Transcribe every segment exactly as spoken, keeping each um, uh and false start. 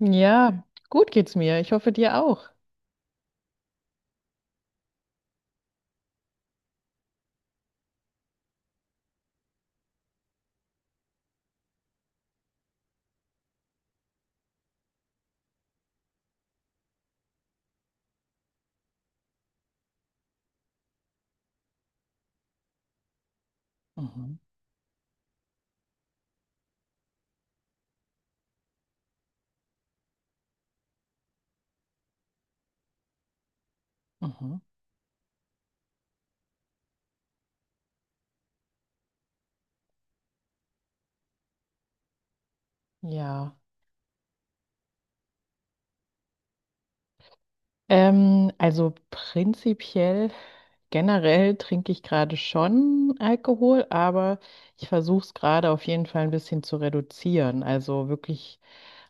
Ja, gut geht's mir. Ich hoffe dir auch. Mhm, mhm. Ja. Ähm, also prinzipiell, generell trinke ich gerade schon Alkohol, aber ich versuche es gerade auf jeden Fall ein bisschen zu reduzieren. Also wirklich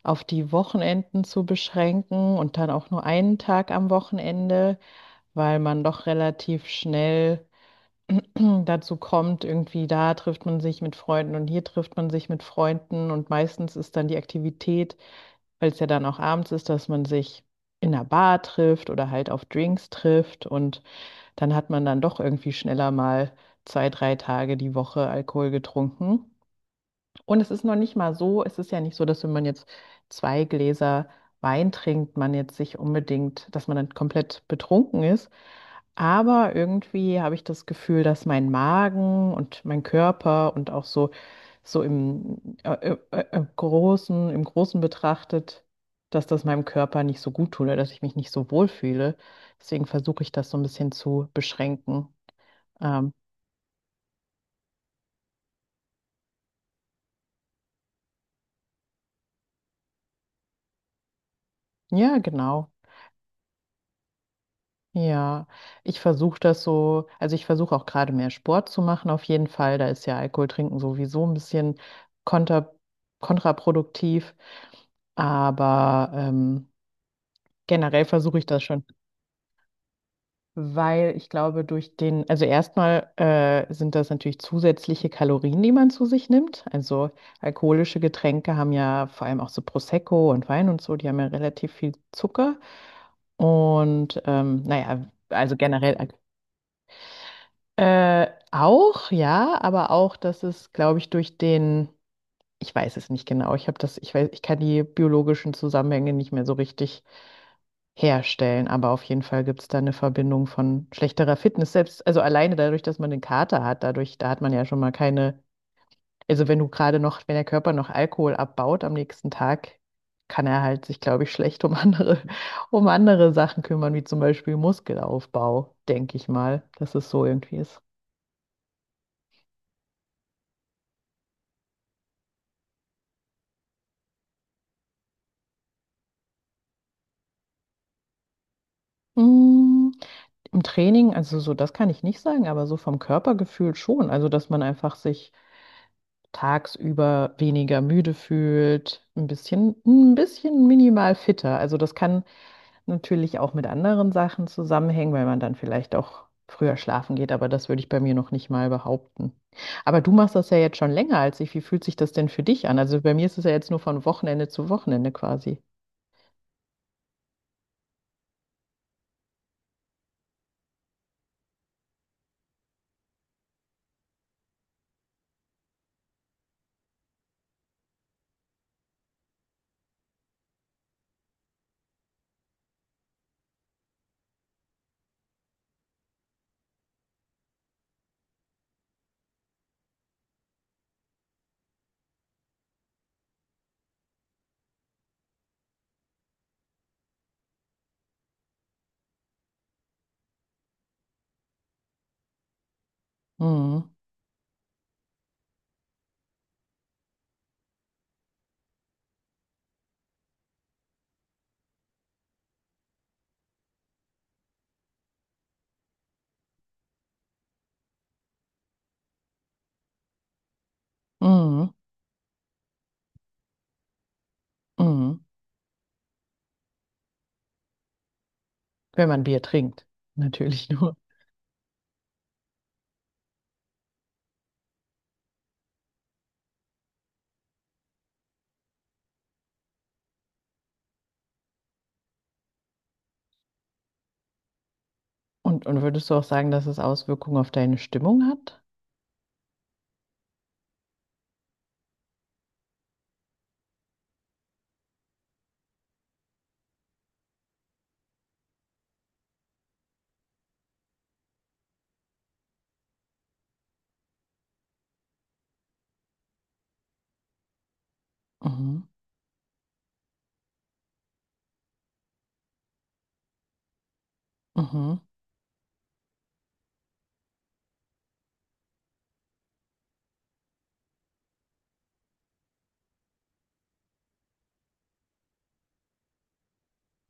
auf die Wochenenden zu beschränken und dann auch nur einen Tag am Wochenende, weil man doch relativ schnell dazu kommt, irgendwie da trifft man sich mit Freunden und hier trifft man sich mit Freunden und meistens ist dann die Aktivität, weil es ja dann auch abends ist, dass man sich in einer Bar trifft oder halt auf Drinks trifft und dann hat man dann doch irgendwie schneller mal zwei, drei Tage die Woche Alkohol getrunken. Und es ist noch nicht mal so, es ist ja nicht so, dass, wenn man jetzt zwei Gläser Wein trinkt, man jetzt sich unbedingt, dass man dann komplett betrunken ist. Aber irgendwie habe ich das Gefühl, dass mein Magen und mein Körper und auch so, so im, äh, äh, äh, äh, großen, im Großen betrachtet, dass das meinem Körper nicht so gut tut oder dass ich mich nicht so wohl fühle. Deswegen versuche ich das so ein bisschen zu beschränken. Ähm, ja, genau. Ja, ich versuche das so, also ich versuche auch gerade mehr Sport zu machen, auf jeden Fall. Da ist ja Alkohol trinken sowieso ein bisschen konter, kontraproduktiv. Aber ähm, generell versuche ich das schon, weil ich glaube, durch den, also erstmal äh, sind das natürlich zusätzliche Kalorien, die man zu sich nimmt. Also alkoholische Getränke haben ja vor allem auch so Prosecco und Wein und so, die haben ja relativ viel Zucker. Und ähm, naja, also generell. Äh, auch, ja, aber auch, dass es, glaube ich, durch den, ich weiß es nicht genau, ich habe das, ich weiß, ich kann die biologischen Zusammenhänge nicht mehr so richtig herstellen, aber auf jeden Fall gibt es da eine Verbindung von schlechterer Fitness, selbst, also alleine dadurch, dass man den Kater hat, dadurch, da hat man ja schon mal keine, also wenn du gerade noch, wenn der Körper noch Alkohol abbaut am nächsten Tag, kann er halt sich, glaube ich, schlecht um andere, um andere Sachen kümmern, wie zum Beispiel Muskelaufbau, denke ich mal, dass es so irgendwie ist. Mm, Im Training, also so, das kann ich nicht sagen, aber so vom Körpergefühl schon. Also, dass man einfach sich tagsüber weniger müde fühlt, ein bisschen, ein bisschen minimal fitter. Also, das kann natürlich auch mit anderen Sachen zusammenhängen, weil man dann vielleicht auch früher schlafen geht, aber das würde ich bei mir noch nicht mal behaupten. Aber du machst das ja jetzt schon länger als ich. Wie fühlt sich das denn für dich an? Also, bei mir ist es ja jetzt nur von Wochenende zu Wochenende quasi. Mhm. Mhm. Mhm. Wenn man Bier trinkt, natürlich nur. Und, und würdest du auch sagen, dass es Auswirkungen auf deine Stimmung hat? Mhm. Mhm.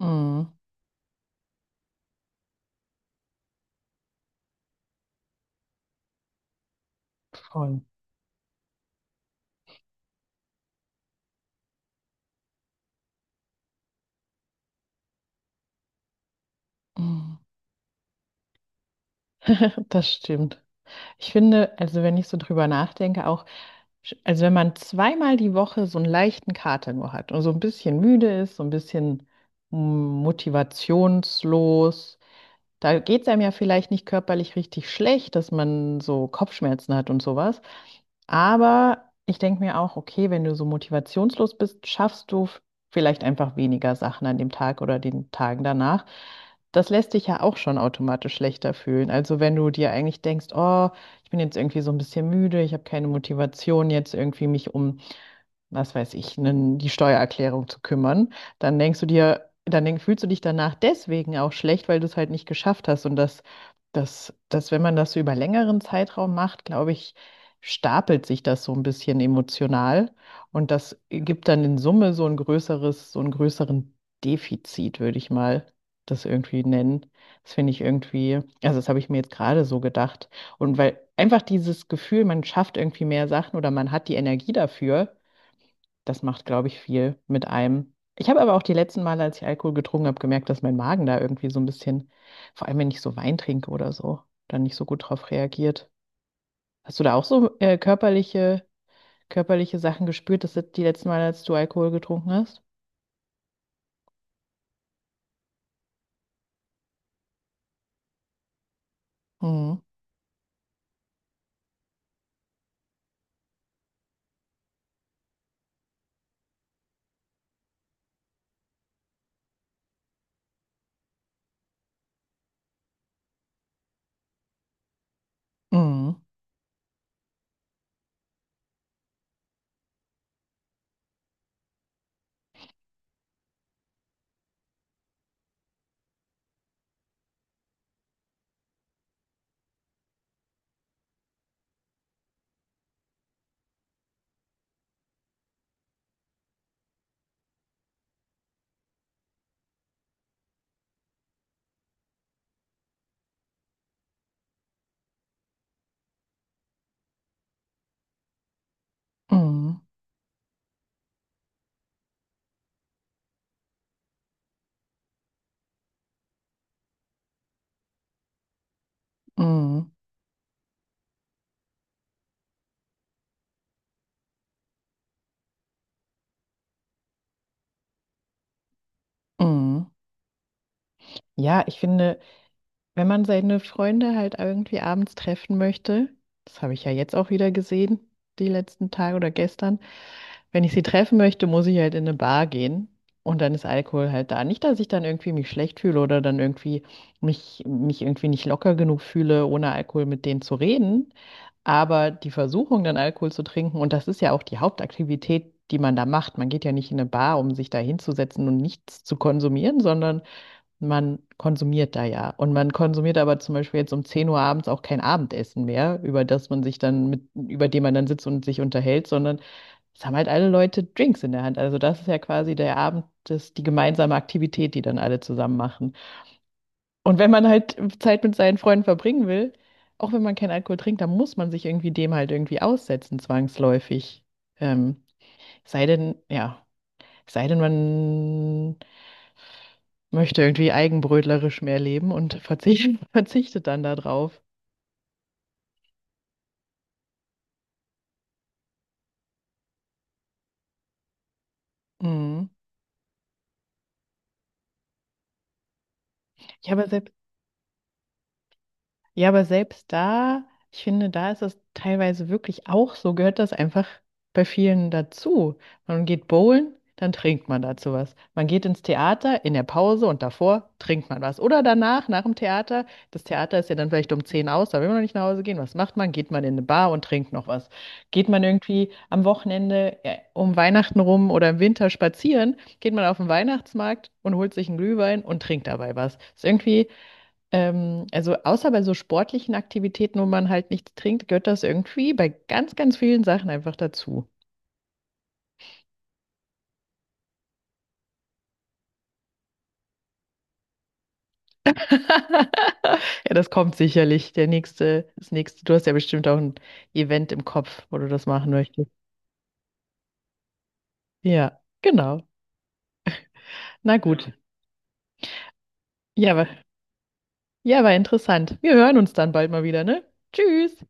Mhm. Voll. Mhm. Das stimmt. Ich finde, also wenn ich so drüber nachdenke, auch, sch- also wenn man zweimal die Woche so einen leichten Kater nur hat und so ein bisschen müde ist, so ein bisschen mm, motivationslos. Da geht es einem ja vielleicht nicht körperlich richtig schlecht, dass man so Kopfschmerzen hat und sowas. Aber ich denke mir auch, okay, wenn du so motivationslos bist, schaffst du f- vielleicht einfach weniger Sachen an dem Tag oder den Tagen danach. Das lässt dich ja auch schon automatisch schlechter fühlen. Also wenn du dir eigentlich denkst, oh, ich bin jetzt irgendwie so ein bisschen müde, ich habe keine Motivation jetzt irgendwie mich um, was weiß ich, nen- die Steuererklärung zu kümmern, dann denkst du dir, dann denk, fühlst du dich danach deswegen auch schlecht, weil du es halt nicht geschafft hast. Und das, das, das, wenn man das so über längeren Zeitraum macht, glaube ich, stapelt sich das so ein bisschen emotional. Und das gibt dann in Summe so ein größeres, so einen größeren Defizit, würde ich mal das irgendwie nennen. Das finde ich irgendwie, also das habe ich mir jetzt gerade so gedacht. Und weil einfach dieses Gefühl, man schafft irgendwie mehr Sachen oder man hat die Energie dafür, das macht, glaube ich, viel mit einem. Ich habe aber auch die letzten Male, als ich Alkohol getrunken habe, gemerkt, dass mein Magen da irgendwie so ein bisschen, vor allem wenn ich so Wein trinke oder so, dann nicht so gut drauf reagiert. Hast du da auch so äh, körperliche, körperliche Sachen gespürt, das die letzten Male, als du Alkohol getrunken hast? Mhm. Mhm. Mhm. Mhm. Mhm. Ja, ich finde, wenn man seine Freunde halt irgendwie abends treffen möchte, das habe ich ja jetzt auch wieder gesehen, die letzten Tage oder gestern. Wenn ich sie treffen möchte, muss ich halt in eine Bar gehen und dann ist Alkohol halt da. Nicht, dass ich dann irgendwie mich schlecht fühle oder dann irgendwie mich, mich irgendwie nicht locker genug fühle, ohne Alkohol mit denen zu reden. Aber die Versuchung, dann Alkohol zu trinken, und das ist ja auch die Hauptaktivität, die man da macht. Man geht ja nicht in eine Bar, um sich da hinzusetzen und nichts zu konsumieren, sondern man konsumiert da ja. Und man konsumiert aber zum Beispiel jetzt um zehn Uhr abends auch kein Abendessen mehr, über das man sich dann mit, über dem man dann sitzt und sich unterhält, sondern es haben halt alle Leute Drinks in der Hand. Also das ist ja quasi der Abend, das, die gemeinsame Aktivität, die dann alle zusammen machen. Und wenn man halt Zeit mit seinen Freunden verbringen will, auch wenn man keinen Alkohol trinkt, dann muss man sich irgendwie dem halt irgendwie aussetzen, zwangsläufig. Ähm, sei denn, ja, sei denn, man möchte irgendwie eigenbrötlerisch mehr leben und verzichtet, verzichtet dann darauf. Mhm. Ja, aber selbst Ja, aber selbst da, ich finde, da ist es teilweise wirklich auch so, gehört das einfach bei vielen dazu. Man geht bowlen, dann trinkt man dazu was. Man geht ins Theater in der Pause und davor trinkt man was. Oder danach, nach dem Theater, das Theater ist ja dann vielleicht um zehn aus, da will man noch nicht nach Hause gehen. Was macht man? Geht man in eine Bar und trinkt noch was. Geht man irgendwie am Wochenende äh, um Weihnachten rum oder im Winter spazieren, geht man auf den Weihnachtsmarkt und holt sich einen Glühwein und trinkt dabei was. Ist irgendwie ähm, also außer bei so sportlichen Aktivitäten, wo man halt nichts trinkt, gehört das irgendwie bei ganz, ganz vielen Sachen einfach dazu. Ja, das kommt sicherlich. Der nächste, das nächste. Du hast ja bestimmt auch ein Event im Kopf, wo du das machen möchtest. Ja, genau. Na gut. Ja, war, ja, war interessant. Wir hören uns dann bald mal wieder, ne? Tschüss.